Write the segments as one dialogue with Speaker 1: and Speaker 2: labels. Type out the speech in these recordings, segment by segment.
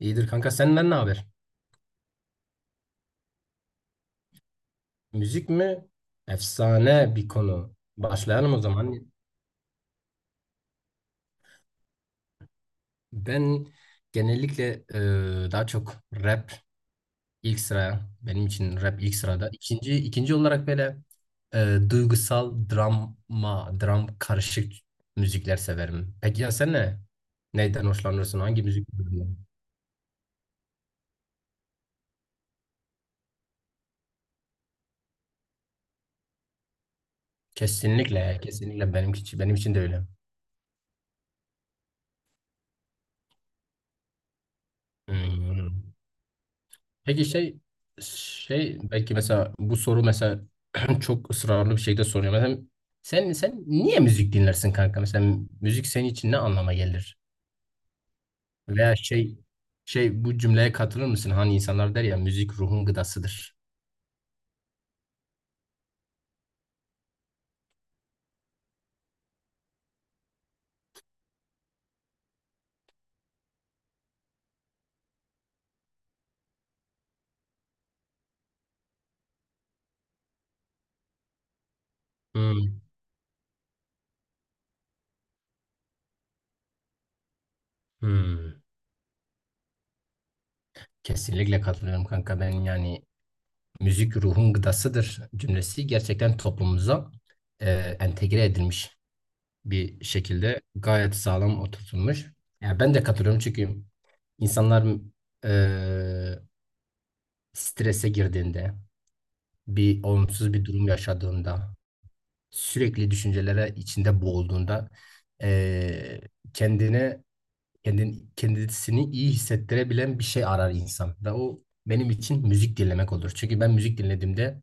Speaker 1: İyidir kanka, senden ne haber? Müzik mi? Efsane bir konu. Başlayalım o zaman. Ben genellikle daha çok rap ilk sıraya. Benim için rap ilk sırada. İkinci olarak böyle duygusal drama, dram karışık müzikler severim. Peki ya sen ne? Neyden hoşlanırsın? Hangi müzik türünden? Kesinlikle, kesinlikle benim için, benim için de öyle. Hmm. Peki belki mesela bu soru mesela çok ısrarlı bir şekilde soruyor. Mesela sen niye müzik dinlersin kanka? Mesela müzik senin için ne anlama gelir? Veya bu cümleye katılır mısın? Hani insanlar der ya, müzik ruhun gıdasıdır. Hmm. Hmm. Kesinlikle katılıyorum kanka. Ben yani müzik ruhun gıdasıdır cümlesi gerçekten toplumumuza e, entegre edilmiş, bir şekilde gayet sağlam oturtulmuş. Yani ben de katılıyorum çünkü insanlar e, strese girdiğinde, bir olumsuz bir durum yaşadığında, sürekli düşüncelere içinde boğulduğunda, e, kendine kendisini iyi hissettirebilen bir şey arar insan. Ve o benim için müzik dinlemek olur. Çünkü ben müzik dinlediğimde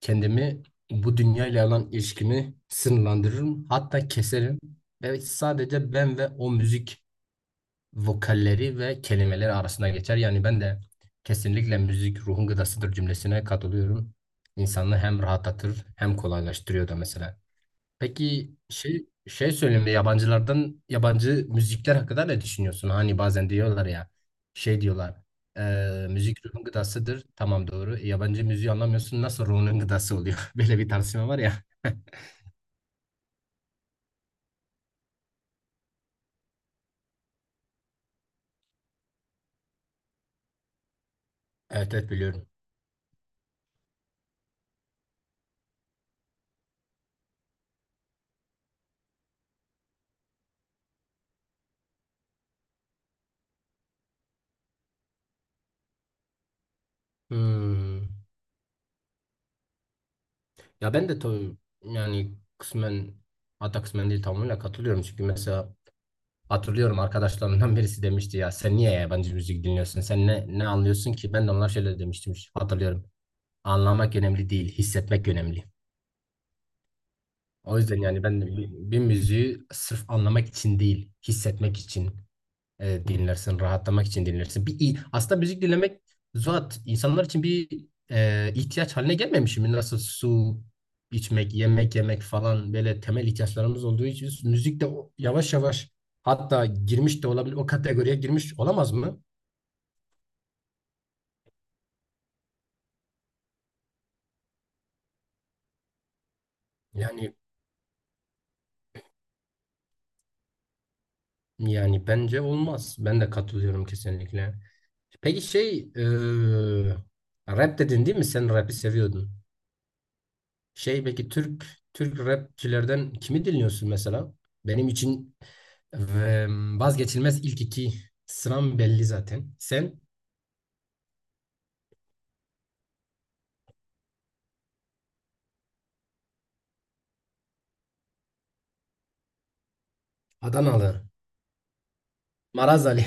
Speaker 1: kendimi, bu dünyayla olan ilişkimi sınırlandırırım. Hatta keserim. Ve sadece ben ve o müzik, vokalleri ve kelimeleri arasında geçer. Yani ben de kesinlikle müzik ruhun gıdasıdır cümlesine katılıyorum. İnsanı hem rahatlatır hem kolaylaştırıyor da mesela. Peki söyleyeyim de yabancılardan, yabancı müzikler hakkında ne düşünüyorsun? Hani bazen diyorlar ya, şey diyorlar müzik ruhun gıdasıdır. Tamam doğru. E, yabancı müziği anlamıyorsun, nasıl ruhunun gıdası oluyor? Böyle bir tartışma var ya. Evet evet biliyorum. Hmm. Ya ben de tabii yani kısmen, hatta kısmen değil tamamıyla katılıyorum. Çünkü mesela hatırlıyorum, arkadaşlarımdan birisi demişti ya, sen niye yabancı müzik dinliyorsun? Sen ne anlıyorsun ki? Ben de onlar şöyle demiştim hatırlıyorum. Anlamak önemli değil, hissetmek önemli. O yüzden yani ben de bir müziği sırf anlamak için değil, hissetmek için dinlersin, rahatlamak için dinlersin. Aslında müzik dinlemek zat insanlar için bir ihtiyaç haline gelmemiş mi? Nasıl su içmek, yemek yemek falan böyle temel ihtiyaçlarımız olduğu için, müzik de yavaş yavaş hatta girmiş de olabilir, o kategoriye girmiş olamaz mı? Yani Yani bence olmaz. Ben de katılıyorum kesinlikle. Peki rap dedin değil mi? Sen rap'i seviyordun. Şey, peki Türk rapçilerden kimi dinliyorsun mesela? Benim için eee, vazgeçilmez ilk iki sıram belli zaten. Sen. Adanalı. Maraz Ali.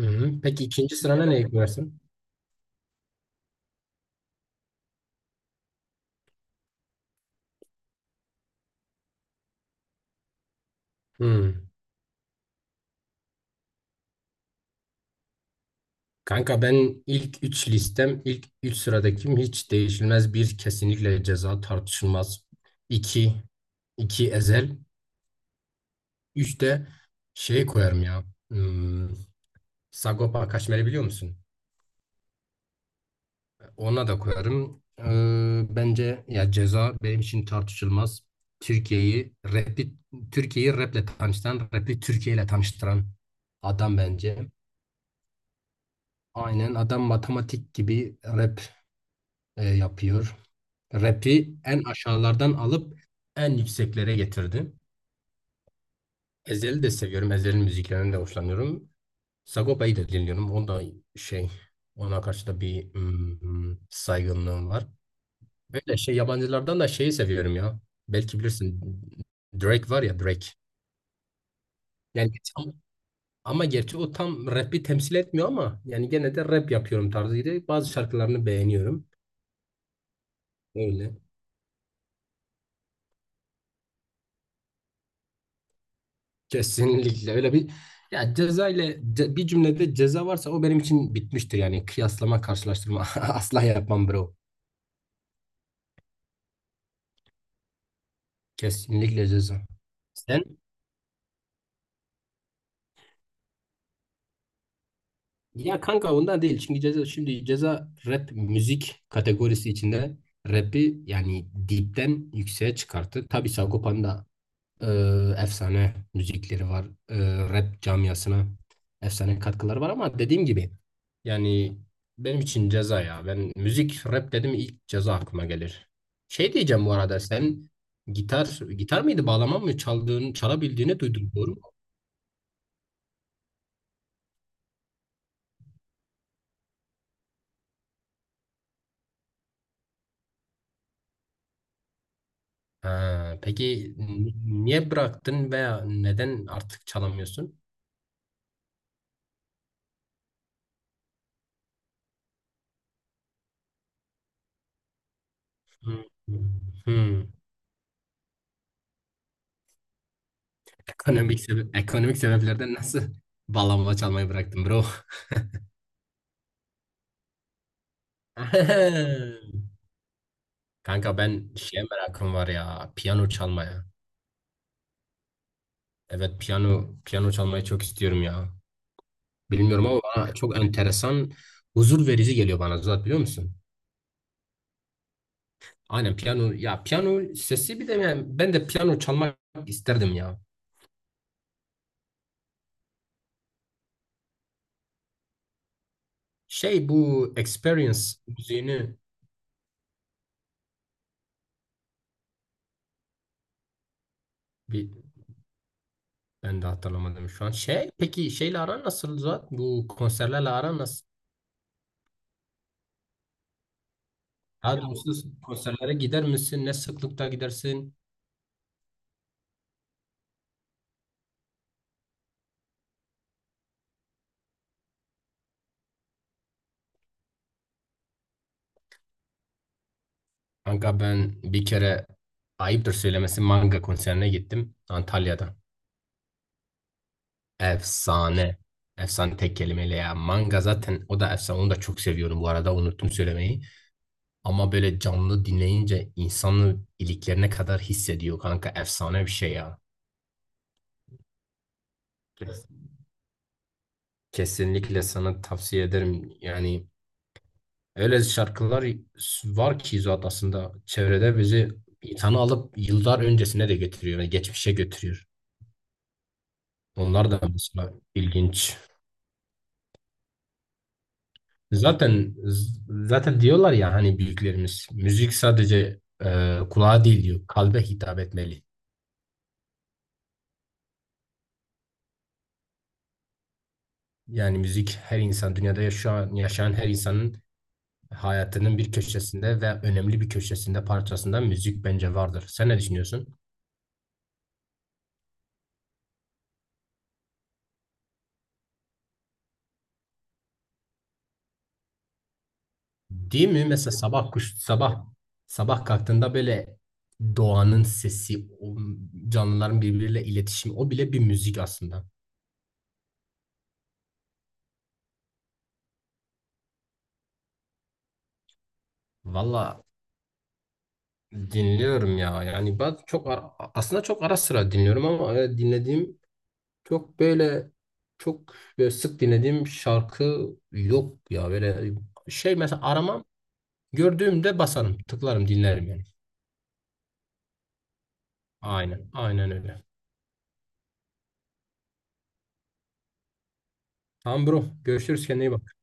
Speaker 1: Hı hı. Peki ikinci sırana ne ekliyorsun? Hı. Kanka ben ilk üç sıradakim hiç değişilmez, bir kesinlikle Ceza tartışılmaz. İki, iki Ezel. Üçte şey koyarım ya. Hmm, Sagopa Kajmer'i biliyor musun? Ona da koyarım. Bence ya Ceza benim için tartışılmaz. Türkiye'yi rapi, Türkiye'yi raple tanıştıran, rapi Türkiye ile tanıştıran adam bence. Aynen, adam matematik gibi rap yapıyor. Rap'i en aşağılardan alıp en yükseklere getirdi. Ezhel'i de seviyorum. Ezhel'in müziklerinden de hoşlanıyorum. Sagopa'yı da dinliyorum. O da şey, ona karşı da bir saygınlığım var. Böyle şey, yabancılardan da şeyi seviyorum ya. Belki bilirsin, Drake var ya, Drake. Yani tam- Ama gerçi o tam rap'i temsil etmiyor ama yani gene de rap yapıyorum tarzıydı. Bazı şarkılarını beğeniyorum. Öyle. Kesinlikle öyle bir, ya bir cümlede Ceza varsa o benim için bitmiştir. Yani kıyaslama, karşılaştırma asla yapmam bro. Kesinlikle Ceza. Sen? Ya kanka ondan değil. Çünkü Ceza, şimdi Ceza rap müzik kategorisi içinde rap'i yani dipten yükseğe çıkarttı. Tabii Sagopa'nın da e, efsane müzikleri var. E, rap camiasına efsane katkıları var ama dediğim gibi yani benim için Ceza ya. Ben müzik rap dedim, ilk Ceza aklıma gelir. Şey diyeceğim bu arada, sen gitar mıydı, bağlama mı çalabildiğini duydum, doğru mu? Ha, peki niye bıraktın veya neden artık çalamıyorsun? Hmm. Hmm. Ekonomik sebeplerden nasıl bağlama çalmayı bıraktın bro? Kanka ben şeye merakım var ya, piyano çalmaya. Evet, piyano çalmayı çok istiyorum ya. Bilmiyorum ama bana çok enteresan, huzur verici geliyor, bana zaten, biliyor musun? Aynen piyano, ya piyano sesi. Bir de yani ben de piyano çalmak isterdim ya. Şey, bu Experience müziğini. Bir ben de hatırlamadım şu an. Şey peki şeyle aran nasıl Zuhat? Bu konserlerle aran nasıl? Daha doğrusu konserlere gider misin? Ne sıklıkta gidersin? Kanka ben bir kere, ayıptır söylemesi, Manga konserine gittim Antalya'da. Efsane. Efsane tek kelimeyle ya. Manga zaten o da efsane. Onu da çok seviyorum bu arada. Unuttum söylemeyi. Ama böyle canlı dinleyince insanı iliklerine kadar hissediyor kanka. Efsane bir şey ya. Kesinlikle sana tavsiye ederim. Yani öyle şarkılar var ki zat aslında çevrede bizi insanı alıp yıllar öncesine de götürüyor. Yani geçmişe götürüyor. Onlar da mesela ilginç. Zaten Zaten diyorlar ya, hani büyüklerimiz, müzik sadece kulağa değil diyor, kalbe hitap etmeli. Yani müzik, her insan dünyada yaşayan her insanın hayatının bir köşesinde, ve önemli bir parçasında müzik bence vardır. Sen ne düşünüyorsun? Değil mi? Mesela sabah sabah kalktığında böyle doğanın sesi, o canlıların birbiriyle iletişimi, o bile bir müzik aslında. Valla dinliyorum ya. Yani ben aslında çok ara sıra dinliyorum, ama dinlediğim çok böyle çok böyle sık dinlediğim şarkı yok ya. Böyle şey mesela, aramam, gördüğümde basarım, tıklarım, dinlerim yani. Aynen, aynen öyle. Tamam bro. Görüşürüz. Kendine iyi bak.